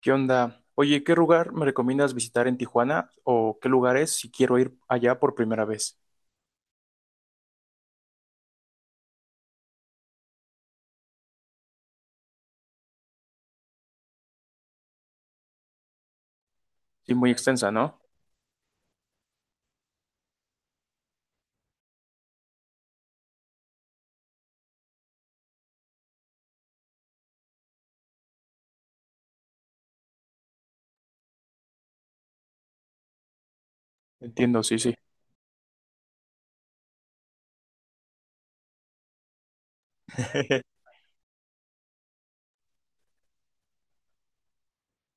¿Qué onda? Oye, ¿qué lugar me recomiendas visitar en Tijuana o qué lugares si quiero ir allá por primera vez? Sí, muy extensa, ¿no? Entiendo, sí, sí.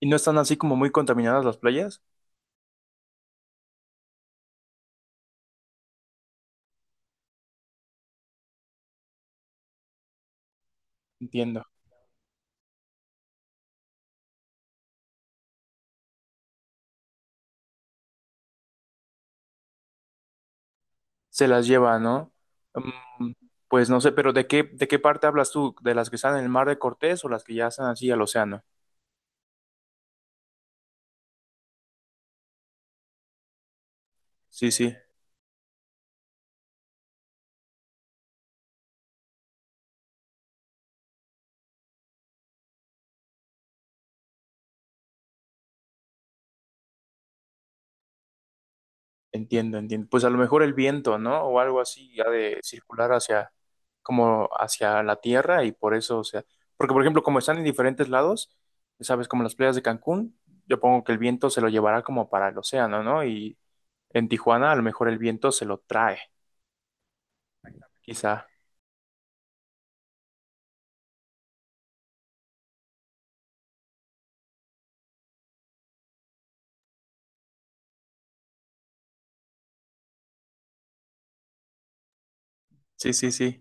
¿Y no están así como muy contaminadas las playas? Entiendo. Se las lleva, ¿no? Mm, pues no sé, pero ¿de qué parte hablas tú? ¿De las que están en el mar de Cortés o las que ya están así al océano? Sí, sí. Entiendo, entiendo. Pues a lo mejor el viento, ¿no? O algo así, ya de circular hacia, como hacia la tierra y por eso, o sea, porque por ejemplo, como están en diferentes lados, sabes, como las playas de Cancún, yo pongo que el viento se lo llevará como para el océano, ¿no? Y en Tijuana a lo mejor el viento se lo trae, quizá. Sí, sí, sí.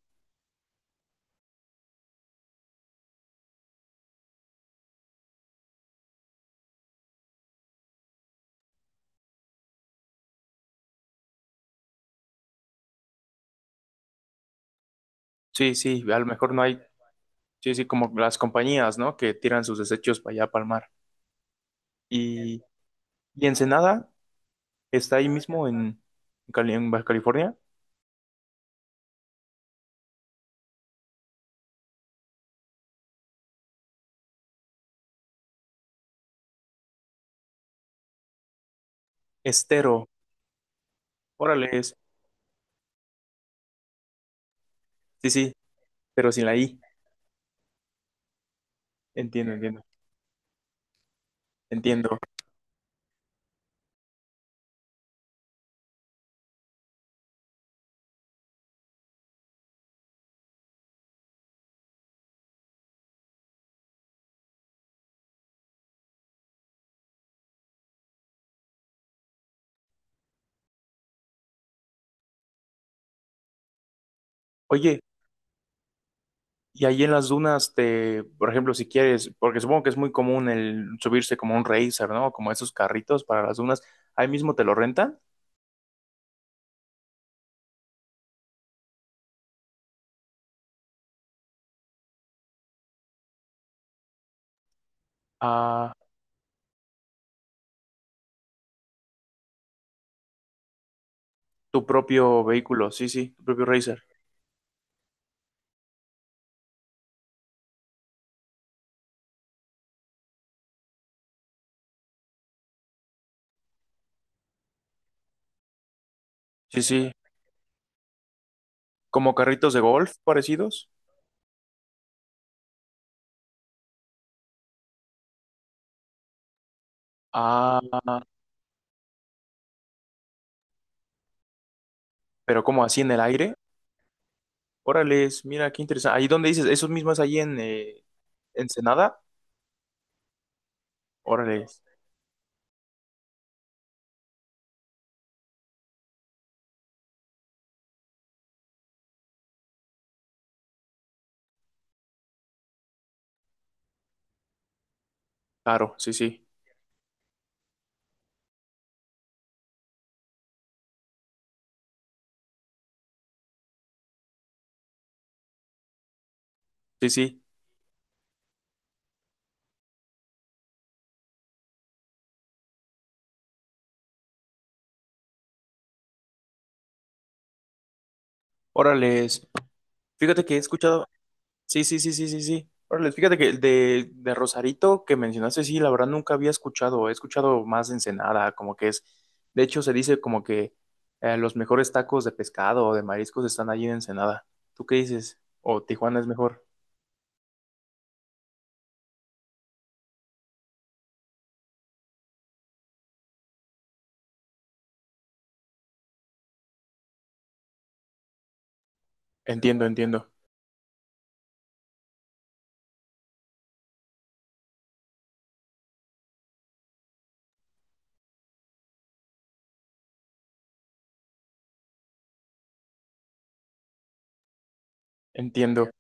Sí, sí, a lo mejor no hay, sí, sí, como las compañías, ¿no? Que tiran sus desechos para allá, para el mar. Y, y Ensenada está ahí mismo en en Baja California. Estero, órale. Sí, sí, pero sin la I. Entiendo, entiendo, entiendo. Oye, y ahí en las dunas, te, por ejemplo, si quieres, porque supongo que es muy común el subirse como un racer, ¿no? Como esos carritos para las dunas, ahí mismo te lo rentan a tu propio vehículo, sí, sí, tu propio racer. Sí, sí, como carritos de golf parecidos. Ah, pero como así en el aire. Órale, mira qué interesante. Ahí donde dices, esos mismos ahí en Ensenada. Órale, claro, sí, sí, sí, sí. Órale, fíjate que he escuchado. Sí, sí, sí, sí, sí, sí. Órale, fíjate que de Rosarito que mencionaste, sí, la verdad nunca había escuchado, he escuchado más de Ensenada, como que es, de hecho se dice como que los mejores tacos de pescado o de mariscos están allí en Ensenada. ¿Tú qué dices? ¿O Tijuana es mejor? Entiendo, entiendo, entiendo.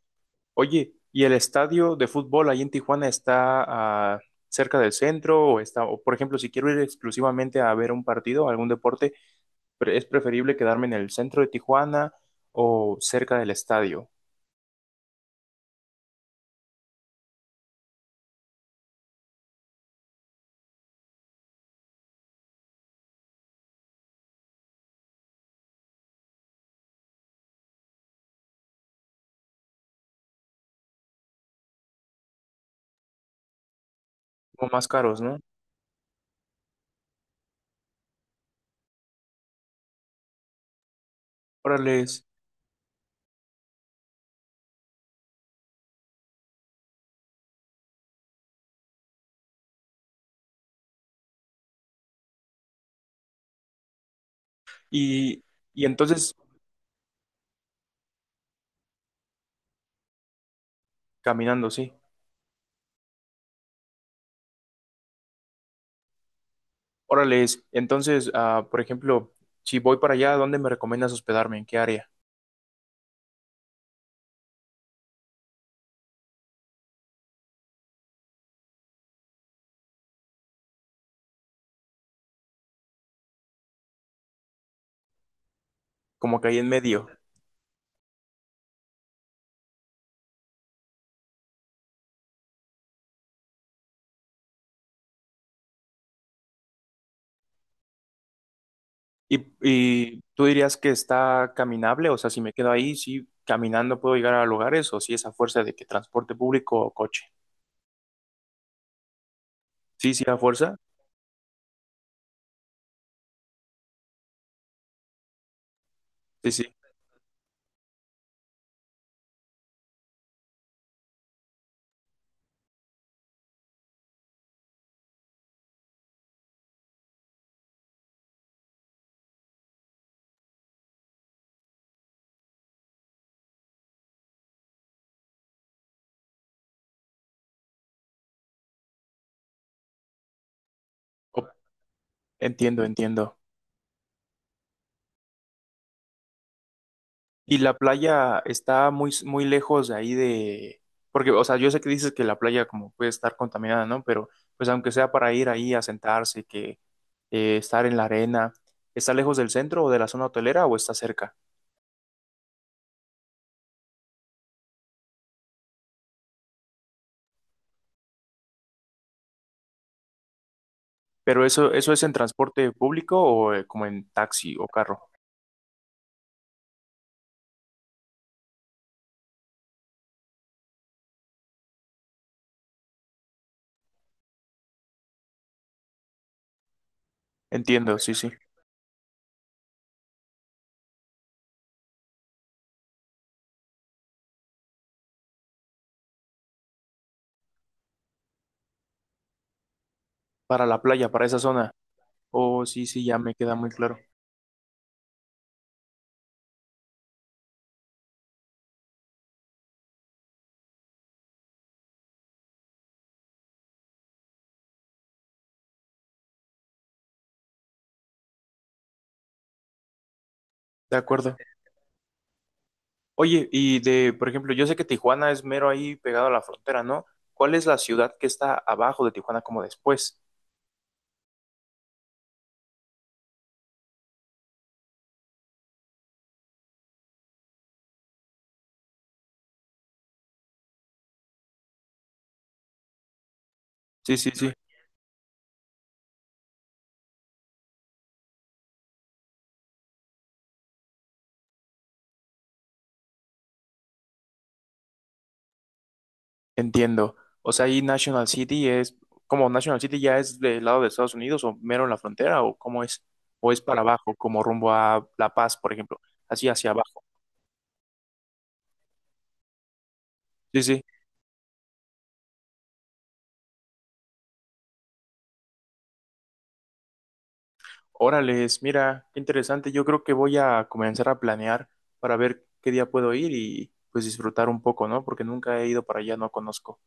Oye, ¿y el estadio de fútbol allí en Tijuana está ah, cerca del centro o está, o por ejemplo, si quiero ir exclusivamente a ver un partido, algún deporte, es preferible quedarme en el centro de Tijuana o cerca del estadio. Como más caros, ¿no? Órales. Y, y entonces, caminando, sí. Órales. Entonces, ah, por ejemplo, si voy para allá, ¿dónde me recomiendas hospedarme? ¿En qué área? Como que ahí en medio. Y tú dirías que está caminable, o sea, si me quedo ahí, sí, caminando puedo llegar a lugares, o si es a fuerza de que transporte público o coche. Sí, sí, a fuerza. Sí, sí. Oh, entiendo, entiendo. Y la playa está muy, muy lejos de ahí de… Porque, o sea, yo sé que dices que la playa como puede estar contaminada, ¿no? Pero, pues aunque sea para ir ahí a sentarse, que estar en la arena, ¿está lejos del centro o de la zona hotelera o está cerca? Pero eso es en transporte público o como en taxi o carro. Entiendo, sí, sí. Para la playa, para esa zona. Oh, sí, sí, ya me queda muy claro. De acuerdo. Oye, y de, por ejemplo, yo sé que Tijuana es mero ahí pegado a la frontera, ¿no? ¿Cuál es la ciudad que está abajo de Tijuana como después? Sí, sí, sí, entiendo. O sea, ahí National City es, como National City ya es del lado de Estados Unidos o mero en la frontera o cómo es, o es para abajo, como rumbo a La Paz, por ejemplo, así hacia abajo. Sí, sí. Órales, mira, qué interesante. Yo creo que voy a comenzar a planear para ver qué día puedo ir y pues disfrutar un poco, ¿no? Porque nunca he ido para allá, no conozco.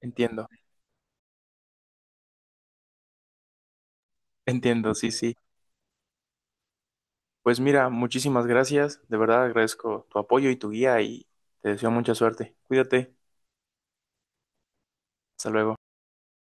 Entiendo. Entiendo, sí, sí. Pues mira, muchísimas gracias. De verdad agradezco tu apoyo y tu guía y te deseo mucha suerte. Cuídate. Hasta luego.